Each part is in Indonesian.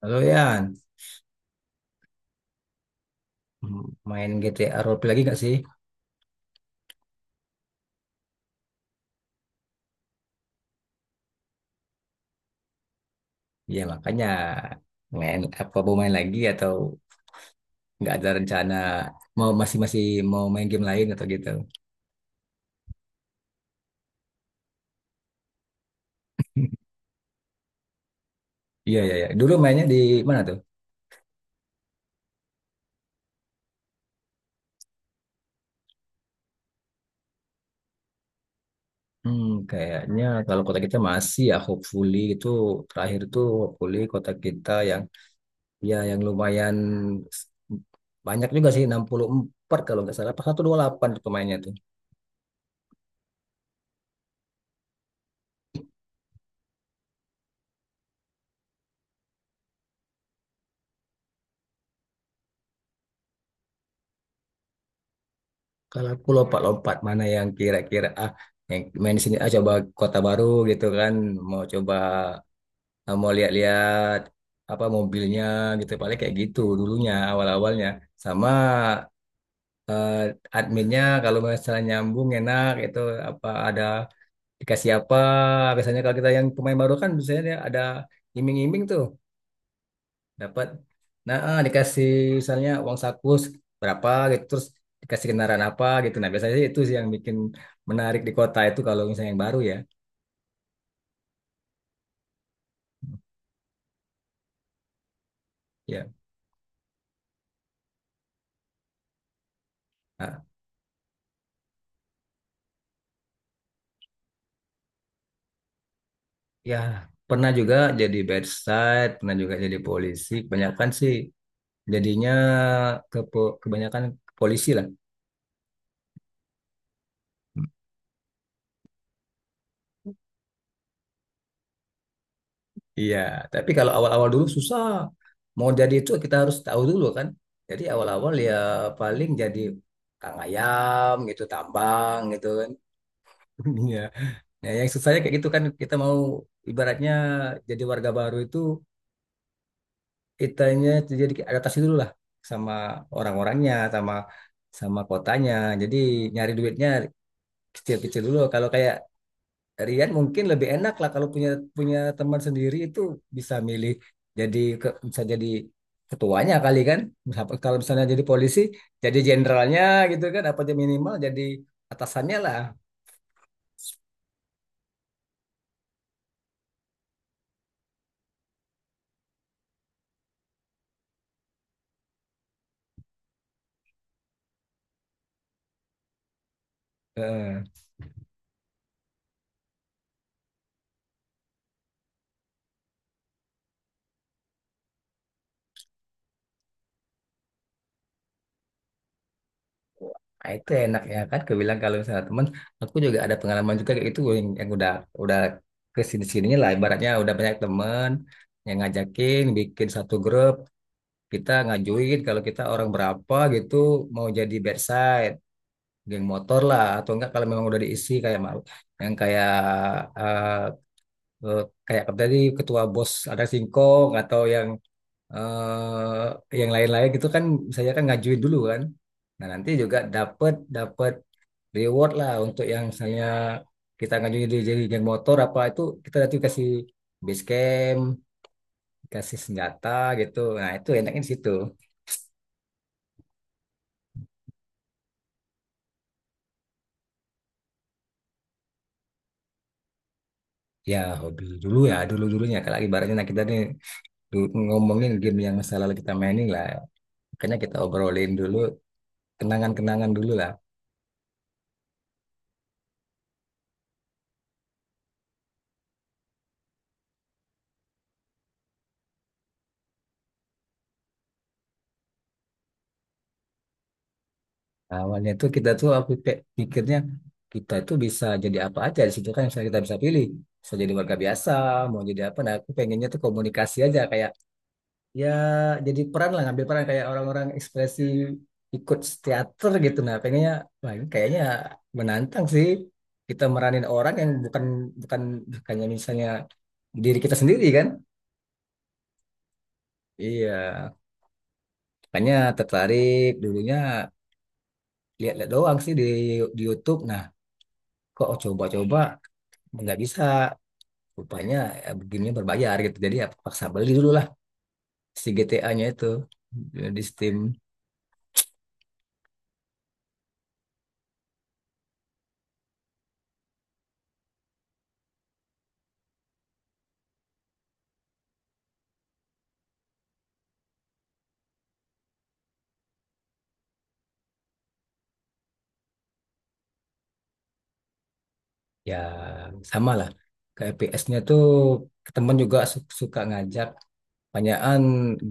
Halo Yan. Hmm. Main GTA roleplay lagi, nggak sih? Ya makanya, main apa, mau main lagi, atau nggak ada rencana, mau masih masih mau main game lain atau gitu? Iya, iya, iya. Dulu mainnya di mana tuh? Hmm, Kayaknya kalau kota Kita masih, ya hopefully itu terakhir tuh, hopefully kota Kita yang, yang lumayan s- banyak juga sih, 64 kalau nggak salah. Pas 128 tuh pemainnya tuh. Kalau aku lompat-lompat mana yang kira-kira, yang main di sini, coba kota baru gitu kan, mau coba, mau lihat-lihat apa mobilnya gitu, paling kayak gitu dulunya awal-awalnya. Sama eh, adminnya kalau misalnya nyambung enak itu, apa ada dikasih apa, biasanya kalau kita yang pemain baru kan biasanya dia ada iming-iming tuh, dapat, nah dikasih misalnya uang saku berapa gitu, terus dikasih kendaraan apa gitu, nah biasanya sih itu sih yang bikin menarik di kota itu kalau misalnya yang baru, ya. Ya, Ah, ya, pernah juga jadi bedside, pernah juga jadi polisi, kebanyakan sih jadinya ke kebanyakan ke polisi lah. Iya, tapi kalau awal-awal dulu susah mau jadi itu, kita harus tahu dulu kan, jadi awal-awal ya paling jadi kang ayam gitu, tambang gitu kan. Iya. Ya, yang susahnya kayak gitu kan, kita mau ibaratnya jadi warga baru itu, kitanya jadi adaptasi dulu lah sama orang-orangnya, sama sama kotanya. Jadi nyari duitnya kecil-kecil dulu. Kalau kayak Rian mungkin lebih enak lah, kalau punya punya teman sendiri itu bisa milih, jadi bisa jadi ketuanya kali kan. Kalau misalnya jadi polisi, jadi jenderalnya gitu kan, apa aja minimal jadi atasannya lah. Eh, itu enak ya kan, kebilang kalau misalnya teman, aku juga ada pengalaman juga kayak itu, yang udah, udah kesini sini-sininya lah ibaratnya, udah banyak teman yang ngajakin bikin satu grup, kita ngajuin kalau kita orang berapa gitu mau jadi bedside, geng motor lah, atau enggak kalau memang udah diisi kayak mau yang kayak, eh, eh, kayak tadi ketua bos ada singkong, atau yang yang lain-lain gitu kan, saya kan ngajuin dulu kan. Nah, nanti juga dapat, reward lah untuk yang misalnya kita ngajuin jadi, geng motor apa itu, kita nanti kasih base camp, kasih senjata gitu. Nah itu enaknya di situ. Ya, hobi dulu ya, dulu dulunya kalau ibaratnya, nah kita nih ngomongin game yang masa lalu kita mainin lah. Makanya kita obrolin dulu kenangan-kenangan dulu lah. Awalnya tuh kita tuh apa, pikirnya kita itu bisa jadi apa aja di situ kan, misalnya kita bisa pilih. Bisa jadi warga biasa, mau jadi apa. Nah aku pengennya tuh komunikasi aja, kayak ya jadi peran lah, ngambil peran kayak orang-orang ekspresi ikut teater gitu. Nah pengennya, wah ini kayaknya menantang sih, kita meranin orang yang bukan, bukan bukannya misalnya diri kita sendiri kan. Iya, makanya tertarik dulunya, lihat-lihat doang sih di, YouTube, nah kok coba-coba nggak bisa rupanya, ya begini berbayar gitu, jadi ya paksa beli dulu lah si GTA-nya itu di Steam. Ya, sama lah, ke FPS-nya tuh teman juga suka ngajak, banyakan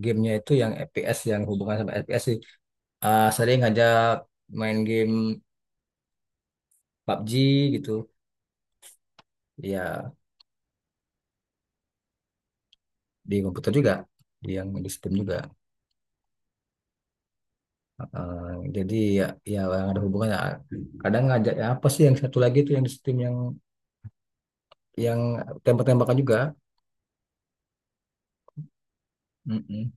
gamenya itu yang FPS, yang hubungan sama FPS sih. Ah, sering ngajak main game PUBG gitu. Ya, di komputer juga, di yang di Steam juga. Ah, jadi ya, yang ada hubungannya, kadang ngajak ya, apa sih yang satu lagi itu yang di Steam, yang yang tembak-tembakan juga. Mm-mm.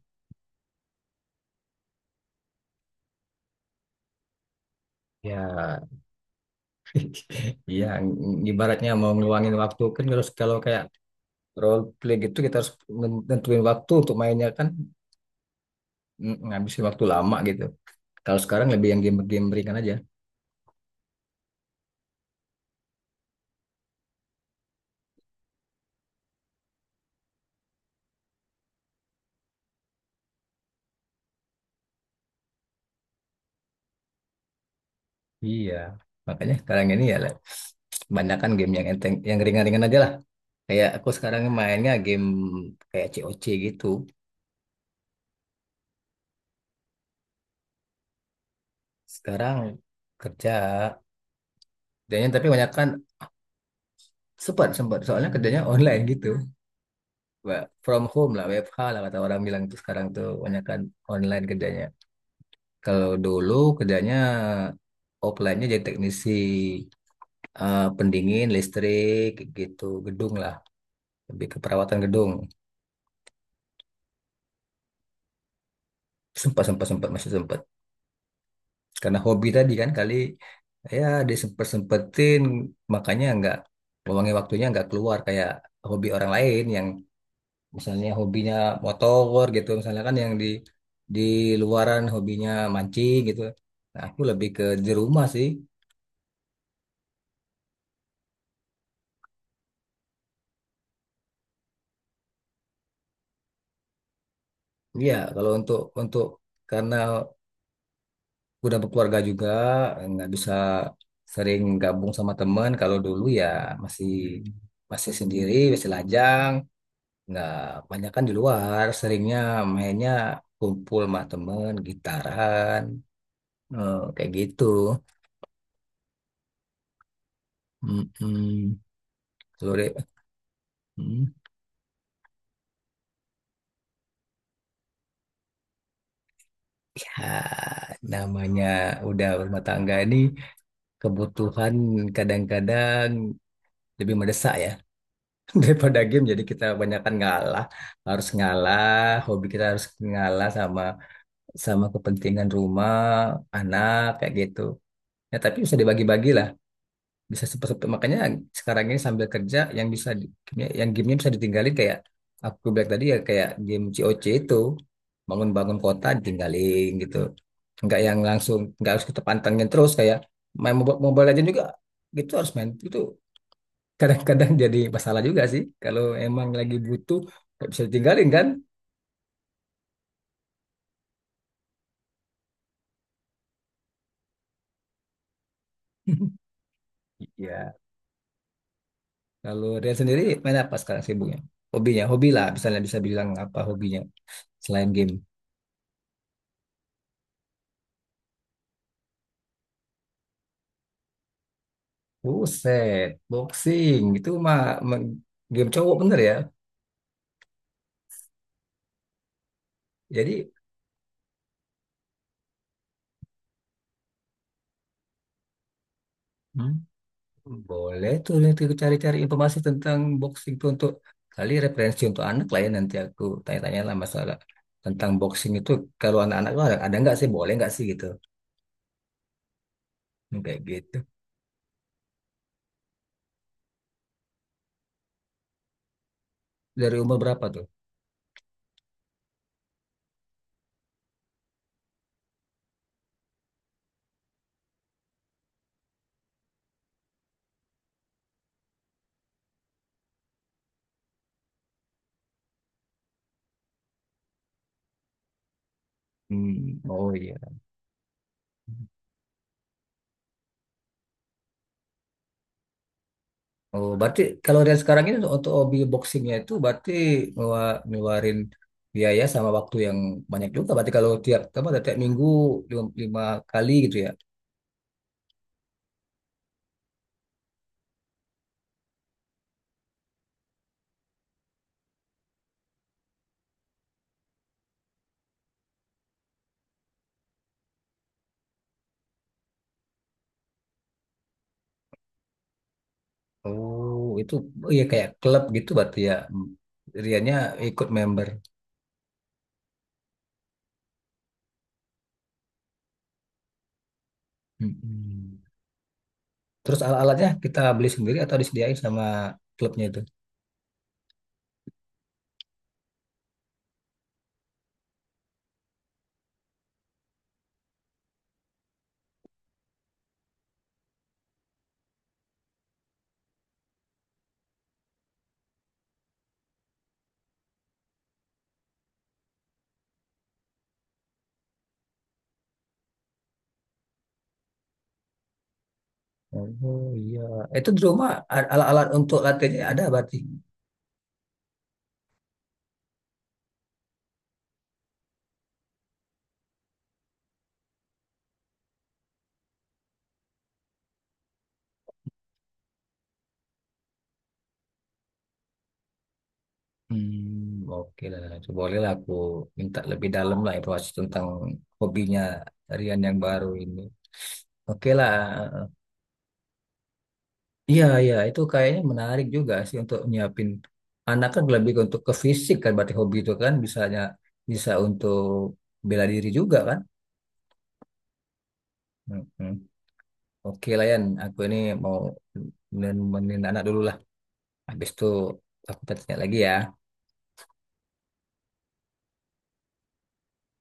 Ya. Iya, ibaratnya mau ngeluangin waktu kan harus, kalau kayak role play gitu kita harus nentuin waktu untuk mainnya kan, ngabisin waktu lama gitu. Kalau sekarang lebih yang game-game ringan aja. Iya. Makanya sekarang ini ya lah, kebanyakan game yang enteng, yang ringan-ringan aja lah. Kayak aku sekarang mainnya game kayak COC gitu. Sekarang kerja. Kerjanya tapi banyak kan, sempat, sempat, soalnya kerjanya online gitu. From home lah, W F WFH lah kata orang bilang tuh, sekarang tuh banyak kan online kerjanya. Kalau dulu kerjanya offline-nya jadi teknisi pendingin, listrik, gitu, gedung lah, lebih ke perawatan gedung. Sempat, sempat, sempat, masih sempat. Karena hobi tadi kan kali, ya disempet-sempetin, makanya nggak, luangin waktunya nggak keluar kayak hobi orang lain yang misalnya hobinya motor gitu, misalnya kan yang di, di luaran hobinya mancing gitu. Nah, aku lebih ke di rumah sih. Iya, kalau untuk karena udah berkeluarga juga, nggak bisa sering gabung sama temen. Kalau dulu ya, masih masih sendiri, masih lajang, nggak, banyak kan di luar seringnya, mainnya kumpul sama temen gitaran, kayak gitu. Mm-mm. Kalau deh, mm, ya namanya udah berumah tangga ini, kebutuhan kadang-kadang lebih mendesak ya daripada game, jadi kita banyakkan ngalah, harus ngalah, hobi kita harus ngalah sama, kepentingan rumah, anak, kayak gitu. Ya, tapi bisa dibagi-bagi lah, bisa seperti, makanya sekarang ini sambil kerja, yang bisa yang gamenya bisa ditinggalin, kayak aku bilang tadi ya, kayak game COC itu, bangun-bangun kota ditinggalin gitu, nggak yang langsung, nggak harus kita pantengin terus kayak main Mobile Mobile Legends juga gitu, harus main itu, kadang-kadang jadi masalah juga sih. Kalau emang lagi butuh, nggak bisa ditinggalin kan? Iya. Kalau Rian sendiri main apa sekarang sibuknya? Hobinya, hobi lah. Misalnya bisa bilang apa hobinya selain game. Buset, boxing. Itu mah me- game cowok bener ya. Jadi. Hmm. Boleh tuh nanti aku cari-cari informasi tentang boxing tuh, untuk kali referensi untuk anak lah ya, nanti aku tanya-tanya lah masalah tentang boxing itu, kalau anak-anak tuh ada, nggak sih, boleh nggak sih gitu. Kayak gitu. Dari umur berapa tuh? Hmm. Oh iya. Oh, berarti kalau dari sekarang ini untuk hobi boxingnya itu berarti ngeluarin biaya sama waktu yang banyak juga. Berarti kalau tiap apa, tiap minggu lima kali gitu ya. Oh, itu, oh iya, kayak klub gitu berarti ya. Hmm. Riannya ikut member. Mm-mm. Terus alat-alatnya kita beli sendiri atau disediain sama klubnya itu? Oh iya. Itu di rumah alat-alat untuk latihannya ada berarti. Hmm, oke lah. Itu bolehlah aku minta lebih dalam lah informasi tentang hobinya Rian yang baru ini. Oke lah. Iya, iya. Itu kayaknya menarik juga sih, untuk nyiapin anak kan lebih untuk ke fisik kan. Berarti hobi itu kan bisanya bisa untuk bela diri juga kan. Mm-mm. Oke lah Yan. Aku ini mau nemenin anak dulu lah. Habis itu aku tanya lagi ya.